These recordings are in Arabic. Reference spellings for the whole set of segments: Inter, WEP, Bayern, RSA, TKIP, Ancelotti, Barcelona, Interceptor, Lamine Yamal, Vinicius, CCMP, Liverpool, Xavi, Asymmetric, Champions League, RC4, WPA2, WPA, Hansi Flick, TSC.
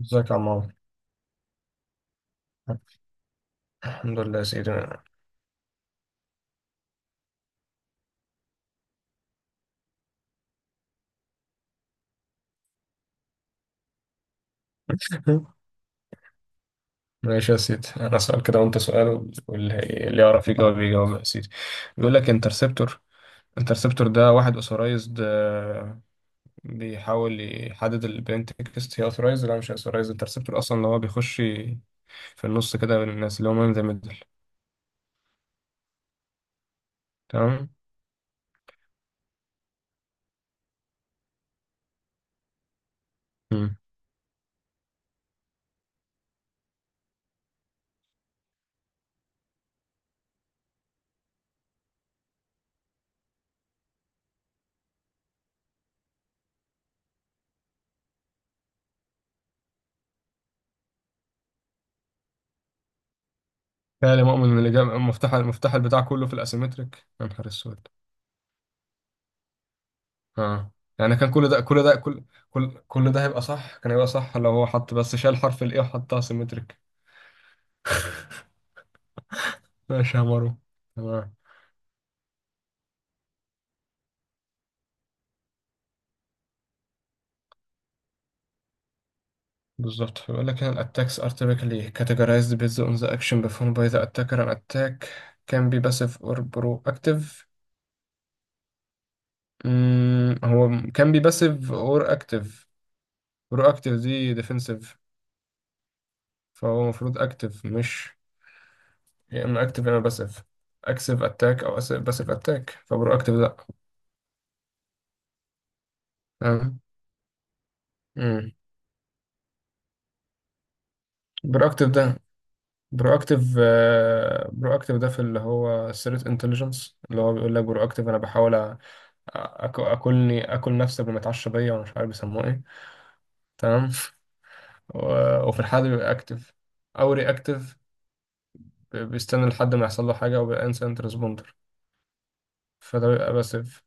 ازيك يا عمار. الحمد لله يا سيدي. ماشي يا سيدي، انا سؤال كده وانت سؤال، واللي يعرف يجاوب يجاوب يا سيدي. بيقول لك انترسبتور ده واحد اوثورايزد، بيحاول يحدد البنتكست هي اوثورايزد ولا مش اوثورايزد، انترسبتور اصلا اللي هو بيخش في النص كده بين الناس، اللي هو مان ذا ميدل. تمام. مم. يا مؤمن اللي جاب مفتاح، البتاع كله في الاسيمتريك، يا نهار اسود. اه، يعني كان كل ده، كل ده كل كل كل ده هيبقى صح، كان هيبقى صح لو هو حط، بس شال حرف الاي وحطها سيمتريك. ماشي يا مارو. تمام. بالظبط، بيقول لك ان attacks are typically categorized based on the action performed by the attacker. An attack can be passive or proactive. هو can be passive or active. Proactive دي defensive، فهو المفروض active. مش، يا اما active يا اما passive، active attack او passive attack، فبروactive لا. تمام. امم proactive ده برواكتيف برواكتيف ده في اللي هو الثريت انتليجنس، اللي هو بيقول لك برواكتيف انا بحاول اكلني، اكل نفسي قبل ما اتعشى بيا، وانا مش عارف بيسموه ايه. تمام. وفي الحالة دي بيبقى اكتف، او رياكتيف، بيستنى لحد ما يحصل له حاجة، وبيبقى انسنت ريسبوندر، فده بيبقى باسيف.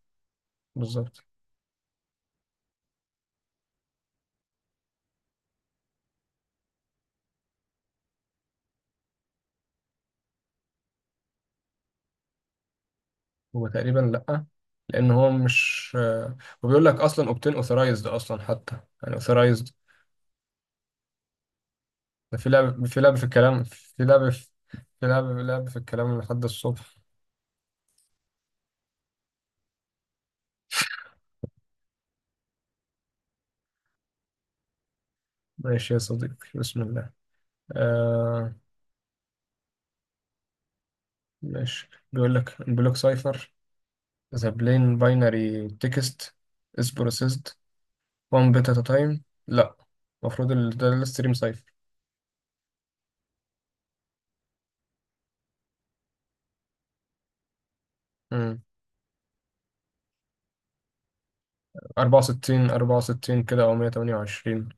بالظبط. هو تقريبا لأ، لأن هو مش وبيقول لك أصلا اوبتين اوثرايزد أصلا، حتى يعني اوثرايزد. ده في لعب، في لعب في الكلام، في لعب في في لعب، في لعب في الكلام لحد الصبح. ماشي يا صديقي، بسم الله. آه ماشي، بيقول لك بلوك سايفر، ذا بلين باينري تكست از بروسيسد 1 بيت ات تايم. لا، المفروض ده الستريم سايفر. مم. 64 64 كده او 128.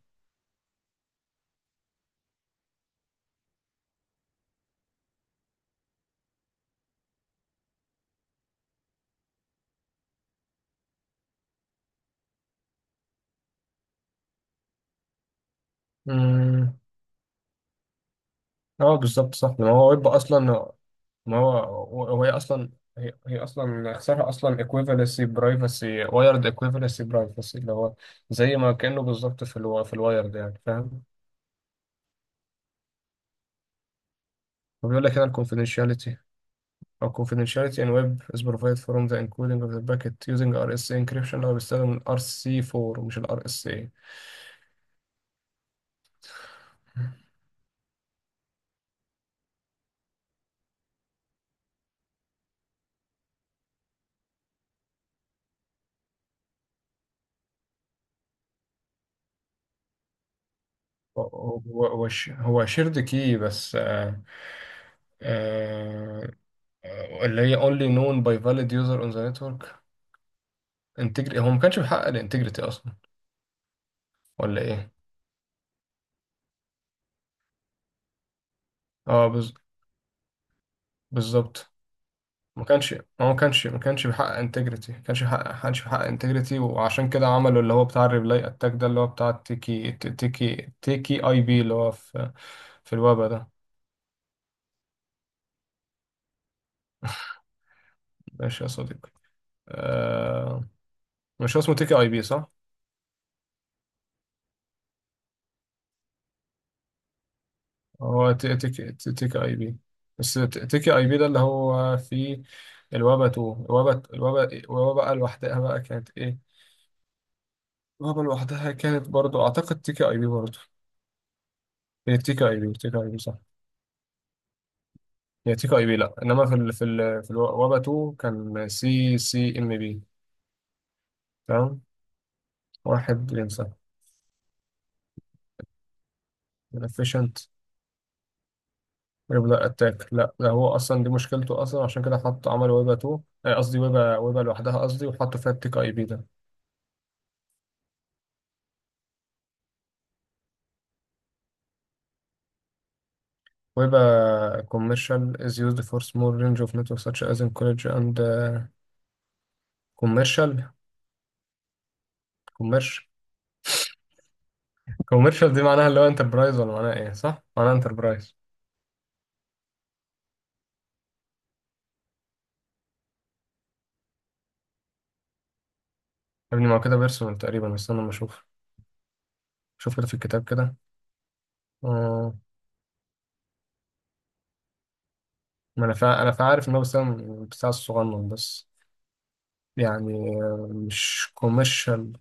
امم اه، بالظبط صح، ما هو يبقى اصلا. ما هو هو هي اصلا، هي اصلا اختصارها اصلا equivalency privacy، wired equivalency privacy، اللي هو زي ما كانه بالظبط في في الوايرد، يعني فاهم. وبيقول لك هنا ال confidentiality أو confidentiality in web is provided from the encoding of the packet using RSA encryption. هو بيستخدم ال RC4 مش ال RSA. هو هو شيرد كي بس. آه اللي هي only known by valid user on the network. انتجري، هو ما كانش بيحقق الانتجريتي اصلا، ولا ايه. اه بز... بالظبط. ما كانش، بيحقق انتجريتي، ما كانش بيحقق انتجريتي، وعشان كده عملوا اللي هو بتاع الريبلاي اتاك ده، اللي هو بتاع التيكي تيكي اي بي، اللي هو في في الويب ده. ماشي يا صديقي. آه... مش هو اسمه تيكي اي بي، صح؟ هو تيكي اي بي، بس تيكي اي بي ده اللي هو فيه الوبا 2. الوبا بقى لوحدها بقى كانت ايه؟ لعبة لوحدها كانت برضو، أعتقد تيكا أي بي برضو. هي تيكا أي بي، تيكا أي بي، صح؟ هي تيكا أي بي لأ، إنما في الوابا 2 كان سي سي إم بي. تمام. واحد ينسى. Efficient، ريبلا أتاك، لأ ده هو أصلا دي مشكلته أصلا، عشان كده حط، عمل ويبا 2. آه، قصدي ويبا، ويبا لوحدها قصدي، وحطوا فيها التيكا أي بي ده. ويبا commercial is used for small range of networks such as in college and commercial. Commercial. Commercial دي معناها اللي هو enterprise، ولا معناها إيه؟ صح؟ معناها enterprise. يا ابني ما هو كده بيرسونال تقريبا، استنى لما اشوف. شوف كده في الكتاب كده. آه. ما انا فا... انا فا عارف ان هو بس بتاع الصغنن بس، يعني مش كوميرشال.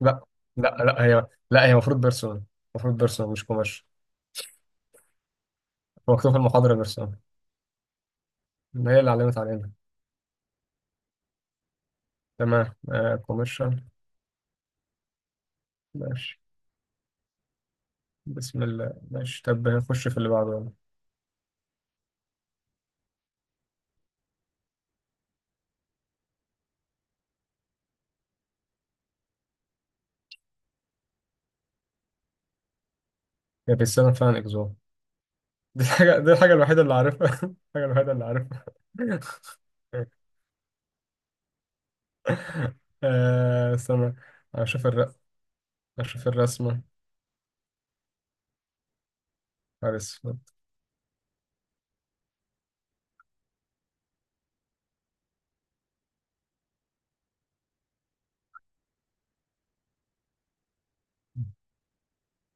لا لا لا، هي، لا هي المفروض بيرسونال. المفروض بيرسونال، مش كوميرشال. هو مكتوب في المحاضرة بيرسونال، هي اللي علمت علينا. تمام. آه، كوميرشال. ماشي. بسم الله ماشي، طب نخش في اللي بعده يلا. هي بيستخدم فعلا اكزوم. دي الحاجة الوحيدة اللي عارفها. الحاجة الوحيدة اللي عارفها. آه، استنى. اشوف الر... اشوف الرسمة. نهار اسود.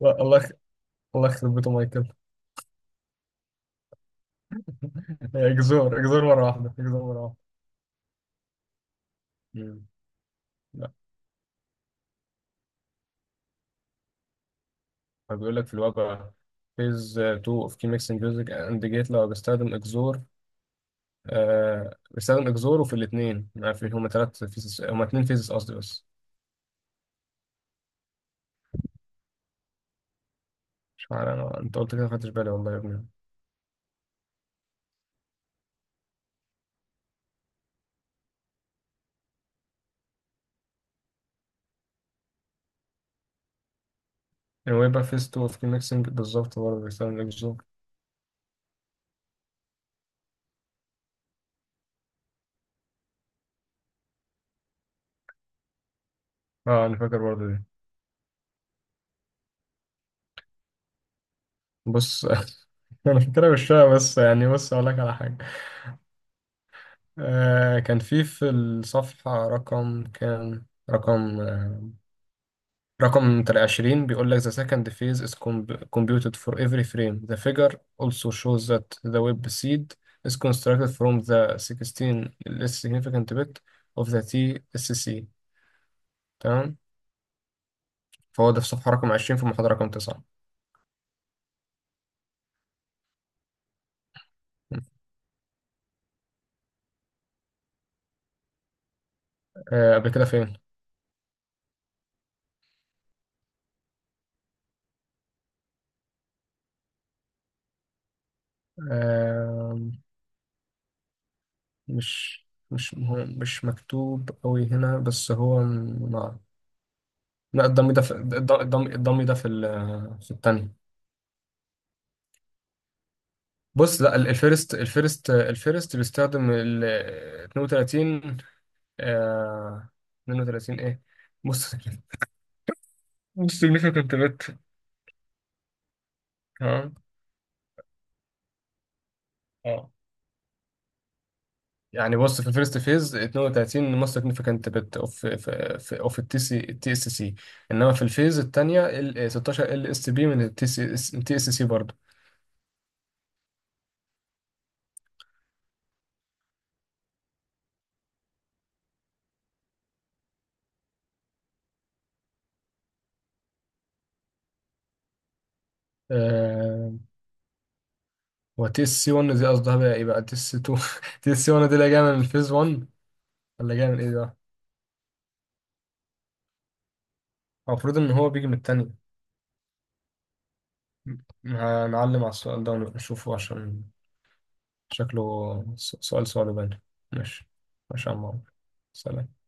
لا، الله يخرب بيته مايكل. هي جذور، مرة واحدة، جذور مرة واحدة. مم. لا. هو بيقول لك في الواقع، فيز 2 اوف كي ميكسنج ميوزك اند جيت، لو بيستخدم اكزور. آه، بيستخدم اكزور، وفي الاثنين، ما في، هما اثنين فيزز قصدي بس. مش عارف انا، انت قلت كده ما خدتش بالي والله يا ابني. هو يبقى فيز 2 اوف كي ميكسنج بالظبط برضه بيستخدم اكزور. اه انا فاكر برضه، بس. أنا في كلام الشيء بس، يعني بس ولاك على حاجة. آه، كان في الصفحة رقم، كان رقم آه رقم تلاتة عشرين، بيقول لك the second phase is computed for every frame. The figure also shows that the web seed is constructed from the sixteen less significant bit of the TSC. تام. فهذا الصفحة رقم عشرين في محضر رقم تسعة. ابي كده. في، مش مش هو مش مكتوب قوي هنا، بس هو مع. لا، الضم ده في الضم، الضم ده في في الثانية. بص، لا، الفيرست بيستخدم ال 32. آه، 32 ايه. بص، significant bit. ها. اه، يعني بص، في الفيرست فيز 32 most significant bit of في اوف التي سي، التي اس سي. انما في الفيز الثانيه، ال 16 ال اس بي من التي سي، التي اس سي برضه. آه، هو تي اس سي 1 دي قصدها بقى ايه؟ بقى تي اس 2؟ تي اس سي 1 دي اللي جايه من الفيز 1، ولا جايه من ايه بقى؟ هو المفروض ان هو بيجي من التانية. هنعلم على السؤال ده ونشوفه عشان شكله سؤال صعب باين. ماشي. ماشي يا عم عمرو. سلام.